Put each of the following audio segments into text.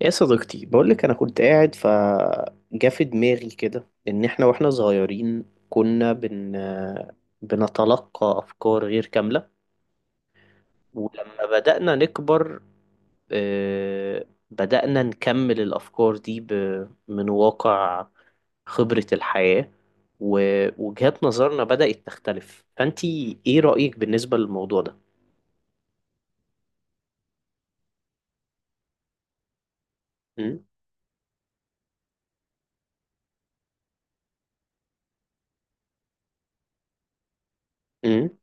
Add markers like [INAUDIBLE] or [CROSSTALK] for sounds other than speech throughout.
يا صديقتي، بقولك أنا كنت قاعد فجا في دماغي كده، إن إحنا وإحنا صغيرين كنا بنتلقى أفكار غير كاملة. ولما بدأنا نكبر، بدأنا نكمل الأفكار دي من واقع خبرة الحياة. ووجهات نظرنا بدأت تختلف. فأنتي إيه رأيك بالنسبة للموضوع ده؟ امم. امم.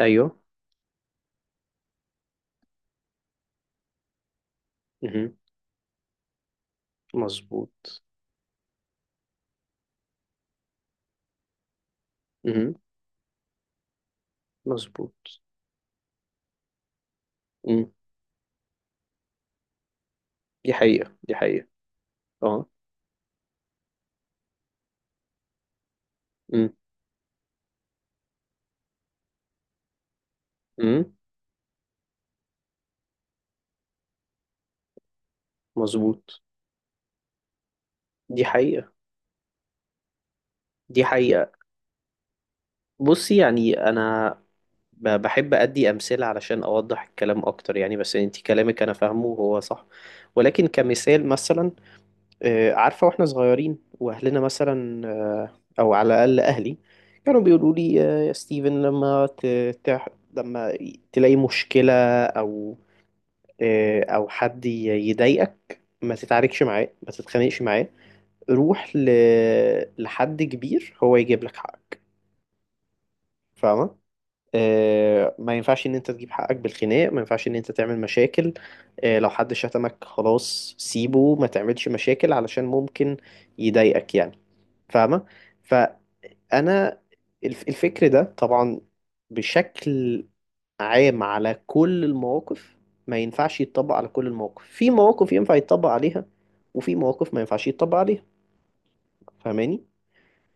ايوه. امم. مظبوط. امم. مظبوط. دي حقيقة. دي حقيقة. اه. امم. امم. مظبوط. دي حقيقة. دي حقيقة. بصي، يعني أنا بحب أدي أمثلة علشان أوضح الكلام أكتر. يعني بس أنت كلامك أنا فاهمه وهو صح. ولكن كمثال مثلا، عارفة، وإحنا صغيرين وأهلنا مثلا، أو على الأقل أهلي، كانوا بيقولوا لي، يا ستيفن، لما لما تلاقي مشكلة، أو أو حد يضايقك، ما تتعاركش معاه، ما تتخانقش معاه، روح لحد كبير هو يجيب لك حقك. فاهمة؟ ما ينفعش ان انت تجيب حقك بالخناق. ما ينفعش ان انت تعمل مشاكل. لو حد شتمك، خلاص سيبه، ما تعملش مشاكل علشان ممكن يضايقك يعني. فاهمة؟ فانا الفكر ده طبعا بشكل عام على كل المواقف، ما ينفعش يتطبق على كل المواقف. في مواقف ينفع يتطبق عليها وفي مواقف ما ينفعش يتطبق عليها. فاهماني؟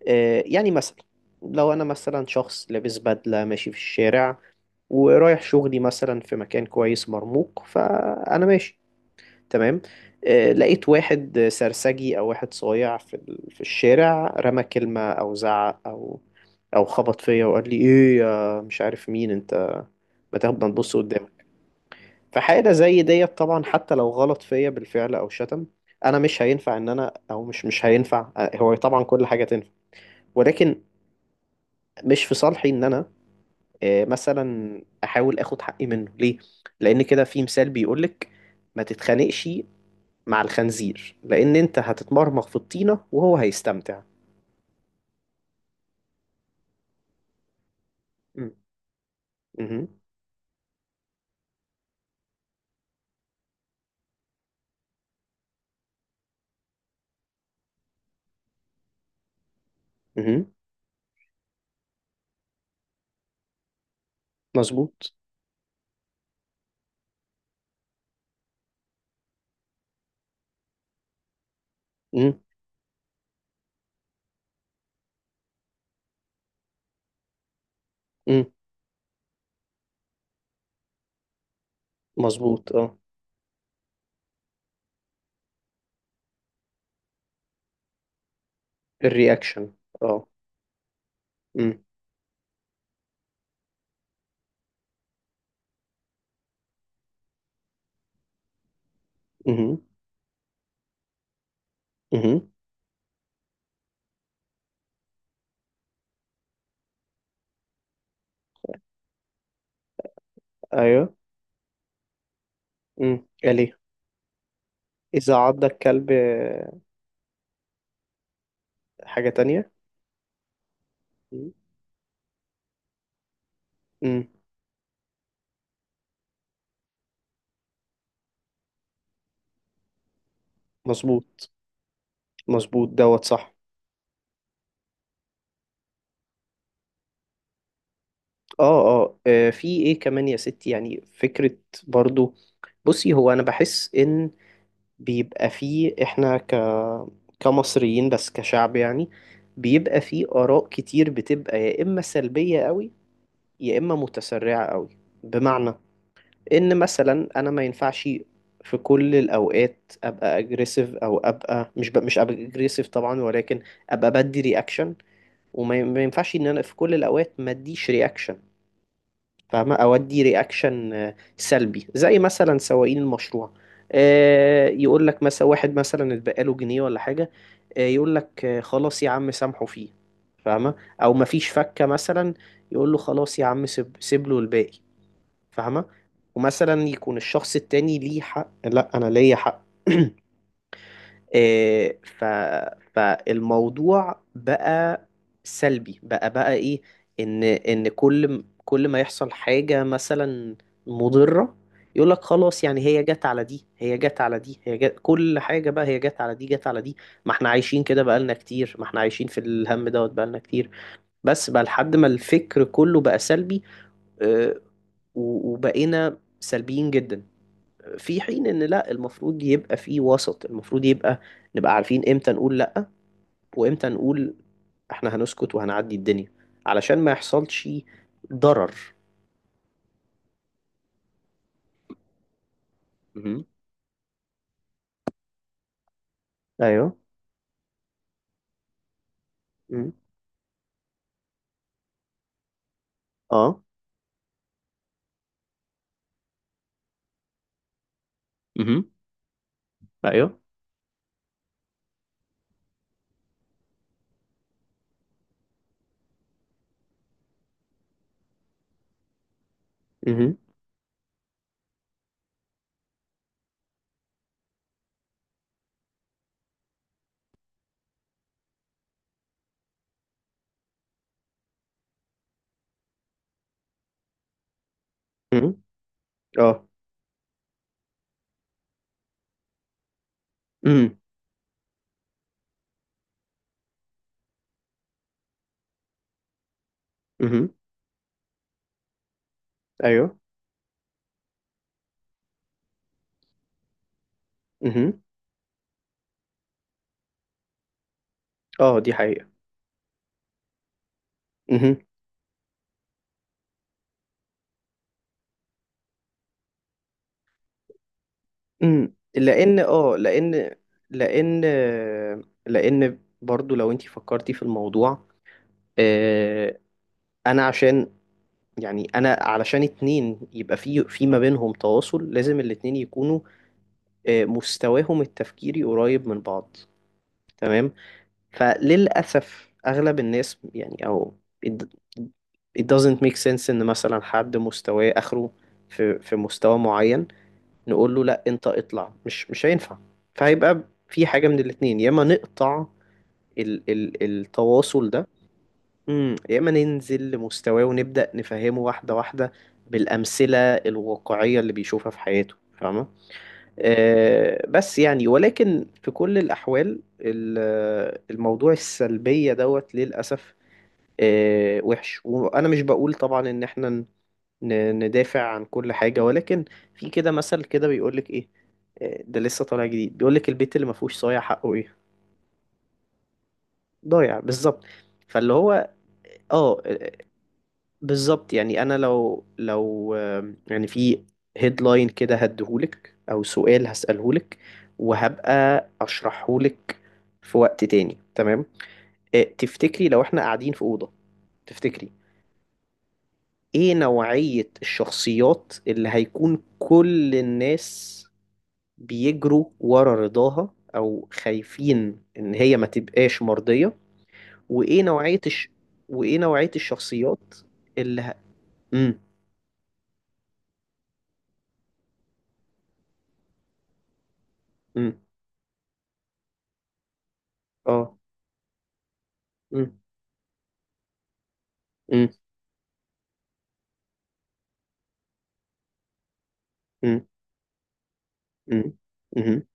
يعني مثلا، لو انا مثلا شخص لابس بدلة ماشي في الشارع، ورايح شغلي مثلا في مكان كويس مرموق، فانا ماشي تمام. لقيت واحد سرسجي او واحد صايع في الشارع، رمى كلمة او زعق او خبط فيا، وقال لي ايه يا مش عارف مين انت، ما تاخد، ما تبص قدامك. فحاجة زي ديت طبعا، حتى لو غلط فيا بالفعل او شتم، انا مش هينفع ان انا، او مش هينفع. هو طبعا كل حاجة تنفع، ولكن مش في صالحي ان انا مثلا احاول اخد حقي منه، ليه؟ لان كده في مثال بيقولك، ما تتخانقش مع الخنزير، لان انت هتتمرمغ في الطينة وهو هيستمتع. مم. مهم. مهم. مظبوط. مم. مم. مظبوط. اه. الرياكشن. اه. مم. مهم. مهم. ايوه. مم. اليه. اذا عض الكلب حاجة تانية. مم. مم. مظبوط. مظبوط دوت صح. اه. اه. في ايه كمان يا ستي؟ يعني فكرة برضو. بصي، هو انا بحس ان بيبقى فيه، احنا كمصريين بس، كشعب يعني، بيبقى فيه اراء كتير بتبقى يا اما سلبية قوي يا اما متسرعة قوي. بمعنى ان مثلا انا ما ينفعش في كل الاوقات ابقى اجريسيف، او ابقى، مش ابقى اجريسيف طبعا، ولكن ابقى بدي رياكشن. وما ي- ما ينفعش ان انا في كل الاوقات ما اديش رياكشن. فاهمة؟ أودي رياكشن سلبي زي مثلا سواقين المشروع، يقول لك مثلا واحد مثلا اتبقى له جنيه ولا حاجة، يقول لك خلاص يا عم سامحه فيه. فاهمة؟ أو مفيش فكة مثلا، يقول له خلاص يا عم، سيب له الباقي. فاهمة؟ ومثلا يكون الشخص التاني ليه حق، لا أنا ليا حق. [CLEARS THROAT] إيه، فالموضوع بقى سلبي، بقى ايه، ان كل ما يحصل حاجة مثلا مضرة، يقول لك خلاص، يعني هي جت على دي، هي جت على دي، هي جت، كل حاجة بقى هي جت على دي، جت على دي. ما احنا عايشين كده بقالنا كتير، ما احنا عايشين في الهم دوت بقالنا كتير، بس بقى لحد ما الفكر كله بقى سلبي. آه، وبقينا سلبيين جدا. في حين ان لا، المفروض يبقى في وسط، المفروض يبقى نبقى عارفين امتى نقول لا، وامتى نقول احنا هنسكت وهنعدي الدنيا، علشان ما يحصلش ضرر. مهم. ايوه. مهم. اه. مهم. ايوه. مهم. مهم. اه. مهم. مهم. ايوه. مهم. اه. دي حقيقة. مهم. مم. لان اه لان لان لان برضو، لو انتي فكرتي في الموضوع، آه، انا عشان، يعني انا علشان اتنين يبقى في ما بينهم تواصل، لازم الاتنين يكونوا، مستواهم التفكيري قريب من بعض، تمام. فللاسف اغلب الناس يعني، او it, it doesn't make sense ان مثلا حد مستواه اخره في مستوى معين، نقول له لا انت اطلع، مش هينفع. فهيبقى في حاجة من الاتنين، يا اما نقطع ال ال التواصل ده، يا اما ننزل لمستواه ونبدأ نفهمه واحدة واحدة بالأمثلة الواقعية اللي بيشوفها في حياته. فاهمة؟ أه بس، يعني ولكن في كل الأحوال الموضوع السلبية دوت للأسف. أه وحش. وأنا مش بقول طبعا إن احنا ندافع عن كل حاجة، ولكن في كده مثل كده بيقولك إيه، ده لسه طالع جديد، بيقولك، البيت اللي ما فيهوش صايع حقه إيه؟ ضايع بالظبط. فاللي هو، اه. بالظبط يعني. انا لو يعني في هيدلاين كده هديهولك، او سؤال هسألهولك، وهبقى اشرحهولك في وقت تاني، تمام؟ تفتكري لو احنا قاعدين في أوضة، تفتكري ايه نوعية الشخصيات اللي هيكون كل الناس بيجروا ورا رضاها، او خايفين ان هي ما تبقاش مرضية؟ وايه نوعية الش... وايه نوعية الشخصيات اللي ه... امم. امم. اه. مم. مم. مم. مم. مم.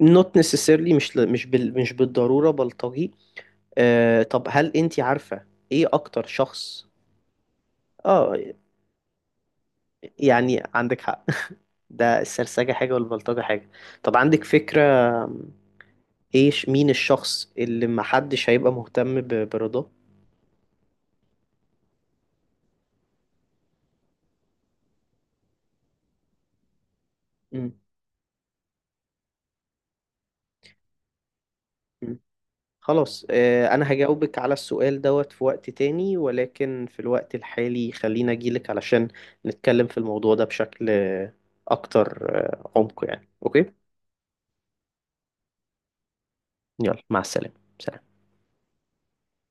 not necessarily. مش بالضرورة بلطجي. طب هل انت عارفة ايه اكتر شخص؟ اه. يعني عندك حق. [LAUGHS] ده السرسجة حاجة والبلطجة حاجة. طب عندك فكرة ايش مين الشخص اللي محدش هيبقى مهتم برضاه؟ مم. خلاص، انا هجاوبك على السؤال دوت في وقت تاني، ولكن في الوقت الحالي خلينا اجيلك علشان نتكلم في الموضوع ده بشكل اكتر عمق يعني، اوكي؟ يلا مع السلامة. سلام.